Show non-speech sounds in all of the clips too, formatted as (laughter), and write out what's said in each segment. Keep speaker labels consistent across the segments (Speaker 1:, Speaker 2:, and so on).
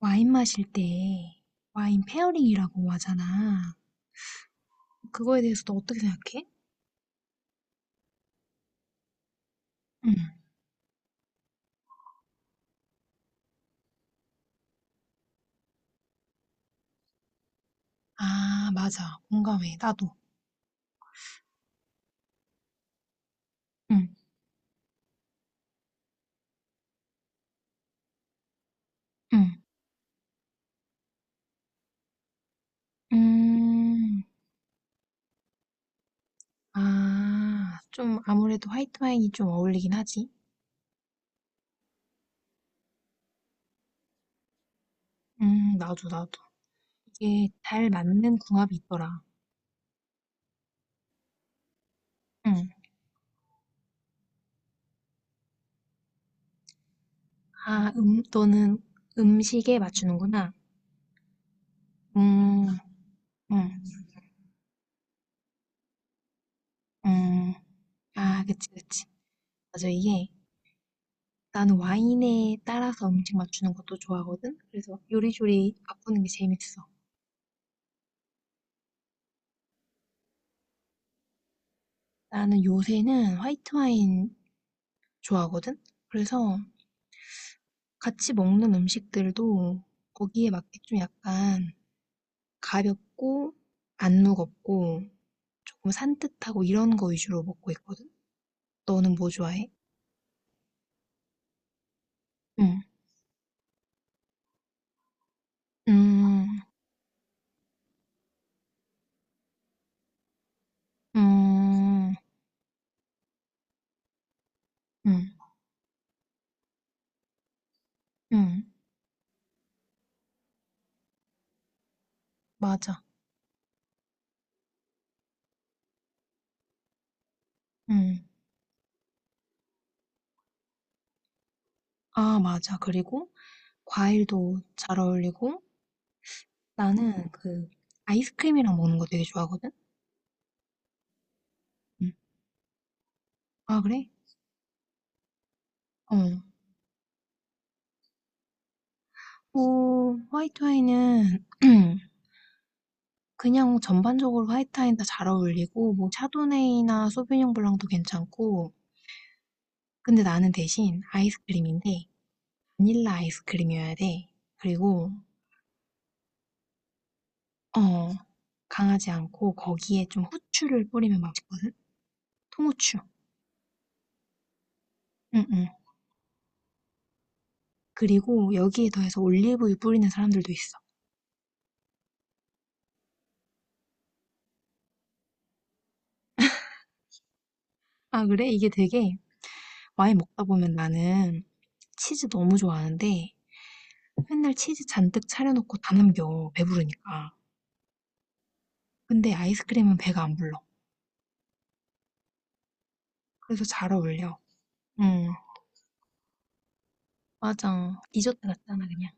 Speaker 1: 와인 마실 때 와인 페어링이라고 하잖아. 그거에 대해서 너 어떻게 생각해? 응. 아, 맞아. 공감해. 나도. 응, 응. 음, 아, 좀 아무래도 화이트 와인이 좀 어울리긴 하지. 나도, 나도. 이게 잘 맞는 궁합이 있더라. 응. 아, 너는 음식에 맞추는구나. 음, 음, 음. 아, 그치, 그치. 맞아, 이게 나는 와인에 따라서 음식 맞추는 것도 좋아하거든? 그래서 요리조리 바꾸는 게 재밌어. 나는 요새는 화이트 와인 좋아하거든? 그래서 같이 먹는 음식들도 거기에 맞게 좀 약간 가볍고 안 무겁고 조금 산뜻하고 이런 거 위주로 먹고 있거든? 너는 뭐 좋아해? 응, 음, 음, 음, 음, 맞아. 음, 아, 맞아. 그리고 과일도 잘 어울리고 나는 그 아이스크림이랑 먹는 거 되게 좋아하거든? 응. 아, 그래? 어. 뭐, 화이트 와인은 (clears throat) 그냥 전반적으로 화이트 와인 다 잘 어울리고, 뭐, 샤도네이나 소비뇽 블랑도 괜찮고, 근데 나는 대신 아이스크림인데, 바닐라 아이스크림이어야 돼. 그리고, 어, 강하지 않고, 거기에 좀 후추를 뿌리면 맛있거든? 통후추. 응, 응. 그리고 여기에 더해서 올리브유 뿌리는 사람들도 있어. 아, 그래? 이게 되게 와인 먹다 보면 나는 치즈 너무 좋아하는데 맨날 치즈 잔뜩 차려놓고 다 남겨. 배부르니까. 근데 아이스크림은 배가 안 불러. 그래서 잘 어울려. 응, 맞아. 디저트 같잖아, 그냥.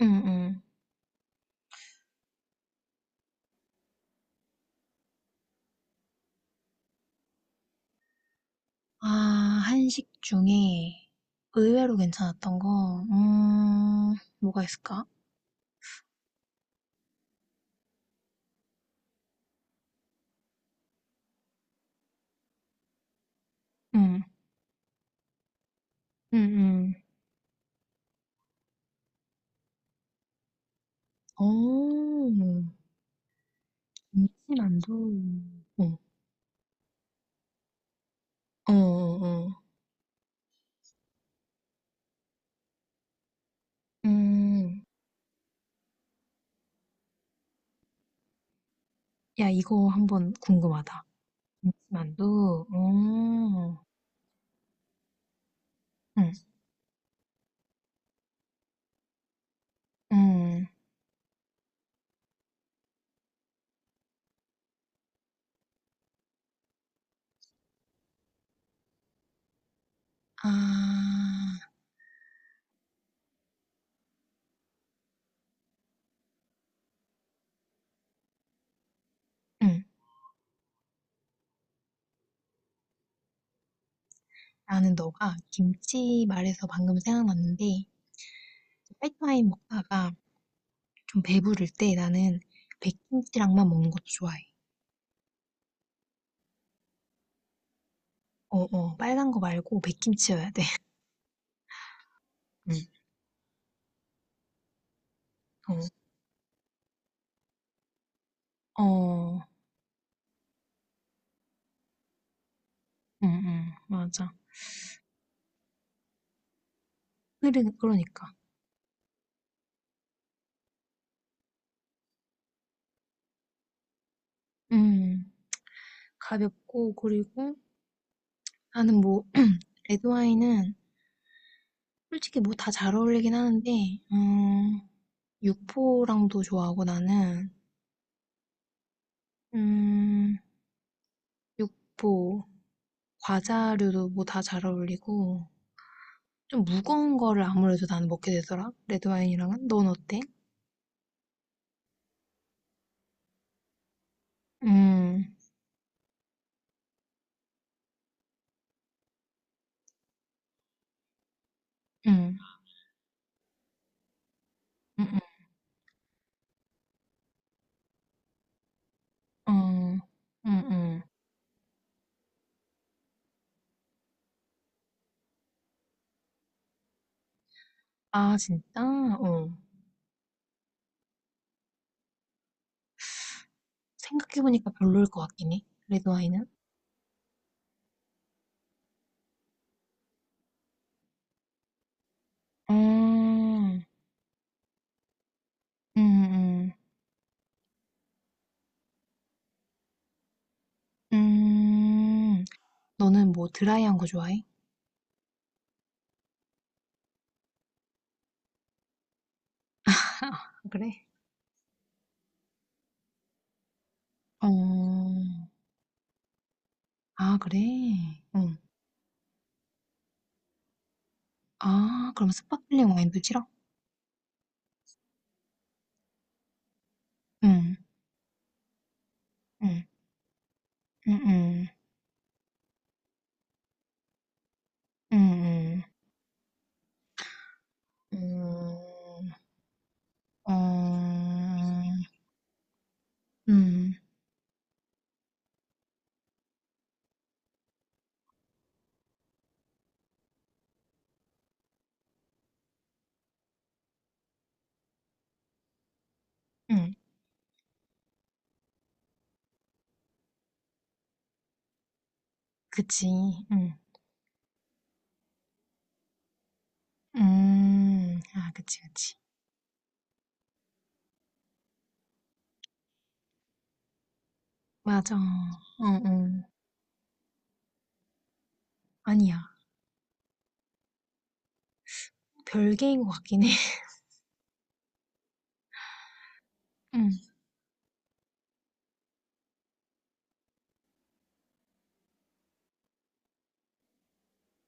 Speaker 1: 응, 응. 아, 한식 중에 의외로 괜찮았던 거, 뭐가 있을까? 응, 응, 응. 오, 김치만두. 어, 어, 어. 어. 음, 야, 이거 한번 궁금하다. 만두. 음. 응. 응. 아. 응. 나는 너가 김치 말해서 방금 생각났는데 화이트와인 먹다가 좀 배부를 때 나는 백김치랑만 먹는 것도 좋아해. 어어. 빨간 거 말고 백김치여야 돼. (laughs) 응. 어. 어. 응, 응. 맞아. 그래, 그러니까. 음. 가볍고 그리고 나는 뭐 (clears throat) 레드와인은 솔직히 뭐 다 잘 어울리긴 하는데 음. 육포랑도 좋아하고 나는 음, 육포, 과자류도 뭐 다 잘 어울리고 좀 무거운 거를 아무래도 나는 먹게 되더라. 레드 와인이랑은. 넌 어때? 음, 음, 음, 음, 음, 음, 음. 아, 진짜? 어. 생각해보니까 별로일 것 같긴 해. 레드 와인은. 음, 음, 음, 음. 너는 뭐 드라이한 거 좋아해? 아, 그래? 어, 아, 그래? 응. 아 그럼 스파클링 와인도 싫어? 응. 응. 응응. 응응. 음. 어. 응 응. 응, 응, 그치. 응. 음. 아 그치 그치. 맞아. 응응. 아니야. 별개인 것 같긴 해. (laughs) 응.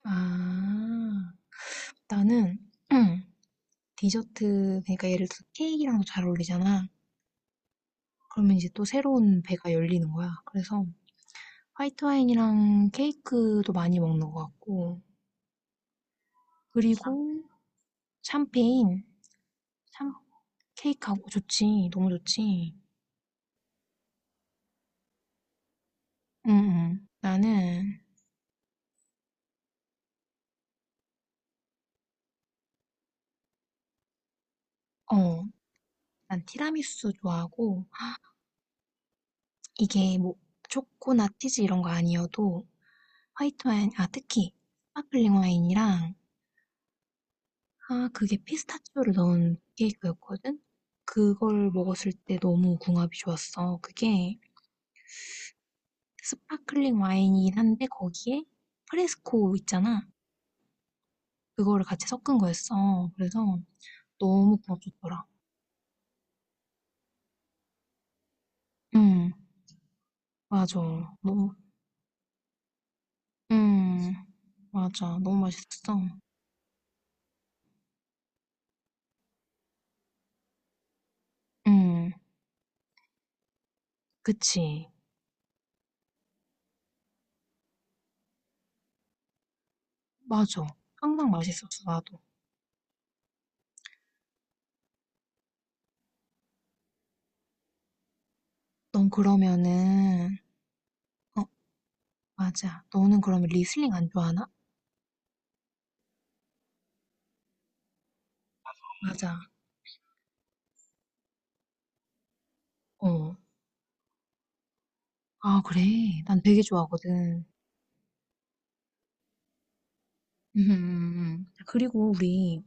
Speaker 1: 아. 나는 응. 디저트 그러니까 예를 들어 케이크랑도 잘 어울리잖아. 그러면 이제 또 새로운 배가 열리는 거야. 그래서 화이트 와인이랑 케이크도 많이 먹는 것 같고, 그리고 샴페인, 샴 케이크하고 좋지. 너무 좋지. 응, 응. 나는 어, 난 티라미수 좋아하고 이게 뭐 초코나 치즈 이런 거 아니어도 화이트 와인, 아 특히 스파클링 와인이랑 아 그게 피스타치오를 넣은 케이크였거든. 그걸 먹었을 때 너무 궁합이 좋았어. 그게 스파클링 와인이긴 한데 거기에 프레스코 있잖아. 그거를 같이 섞은 거였어. 그래서 너무 궁합 좋더라. 응, 맞아. 너무, 응, 맞아. 너무 맛있었어. 응, 그치. 맞아. 항상 맛있었어, 나도. 넌 그러면은, 어, 맞아. 너는 그러면 리슬링 안 좋아하나? 맞아. 어. 아, 그래. 난 되게 좋아하거든. 음, 음, 그리고 우리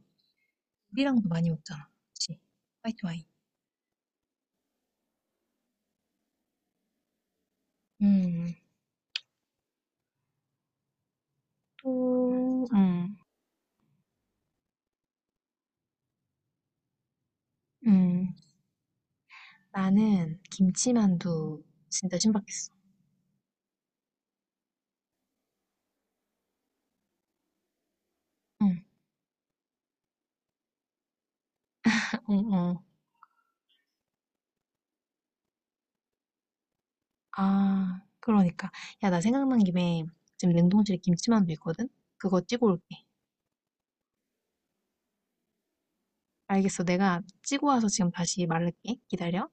Speaker 1: 우리랑도 많이 먹잖아. 그치? 화이트 와인. 음, 또, 음. 나는 김치만두 진짜 신박했어. 응, 어, 어. 아, 그러니까. 야, 나 생각난 김에 지금 냉동실에 김치만두 있거든? 그거 찌고 올게. 알겠어. 내가 찌고 와서 지금 다시 말할게. 기다려.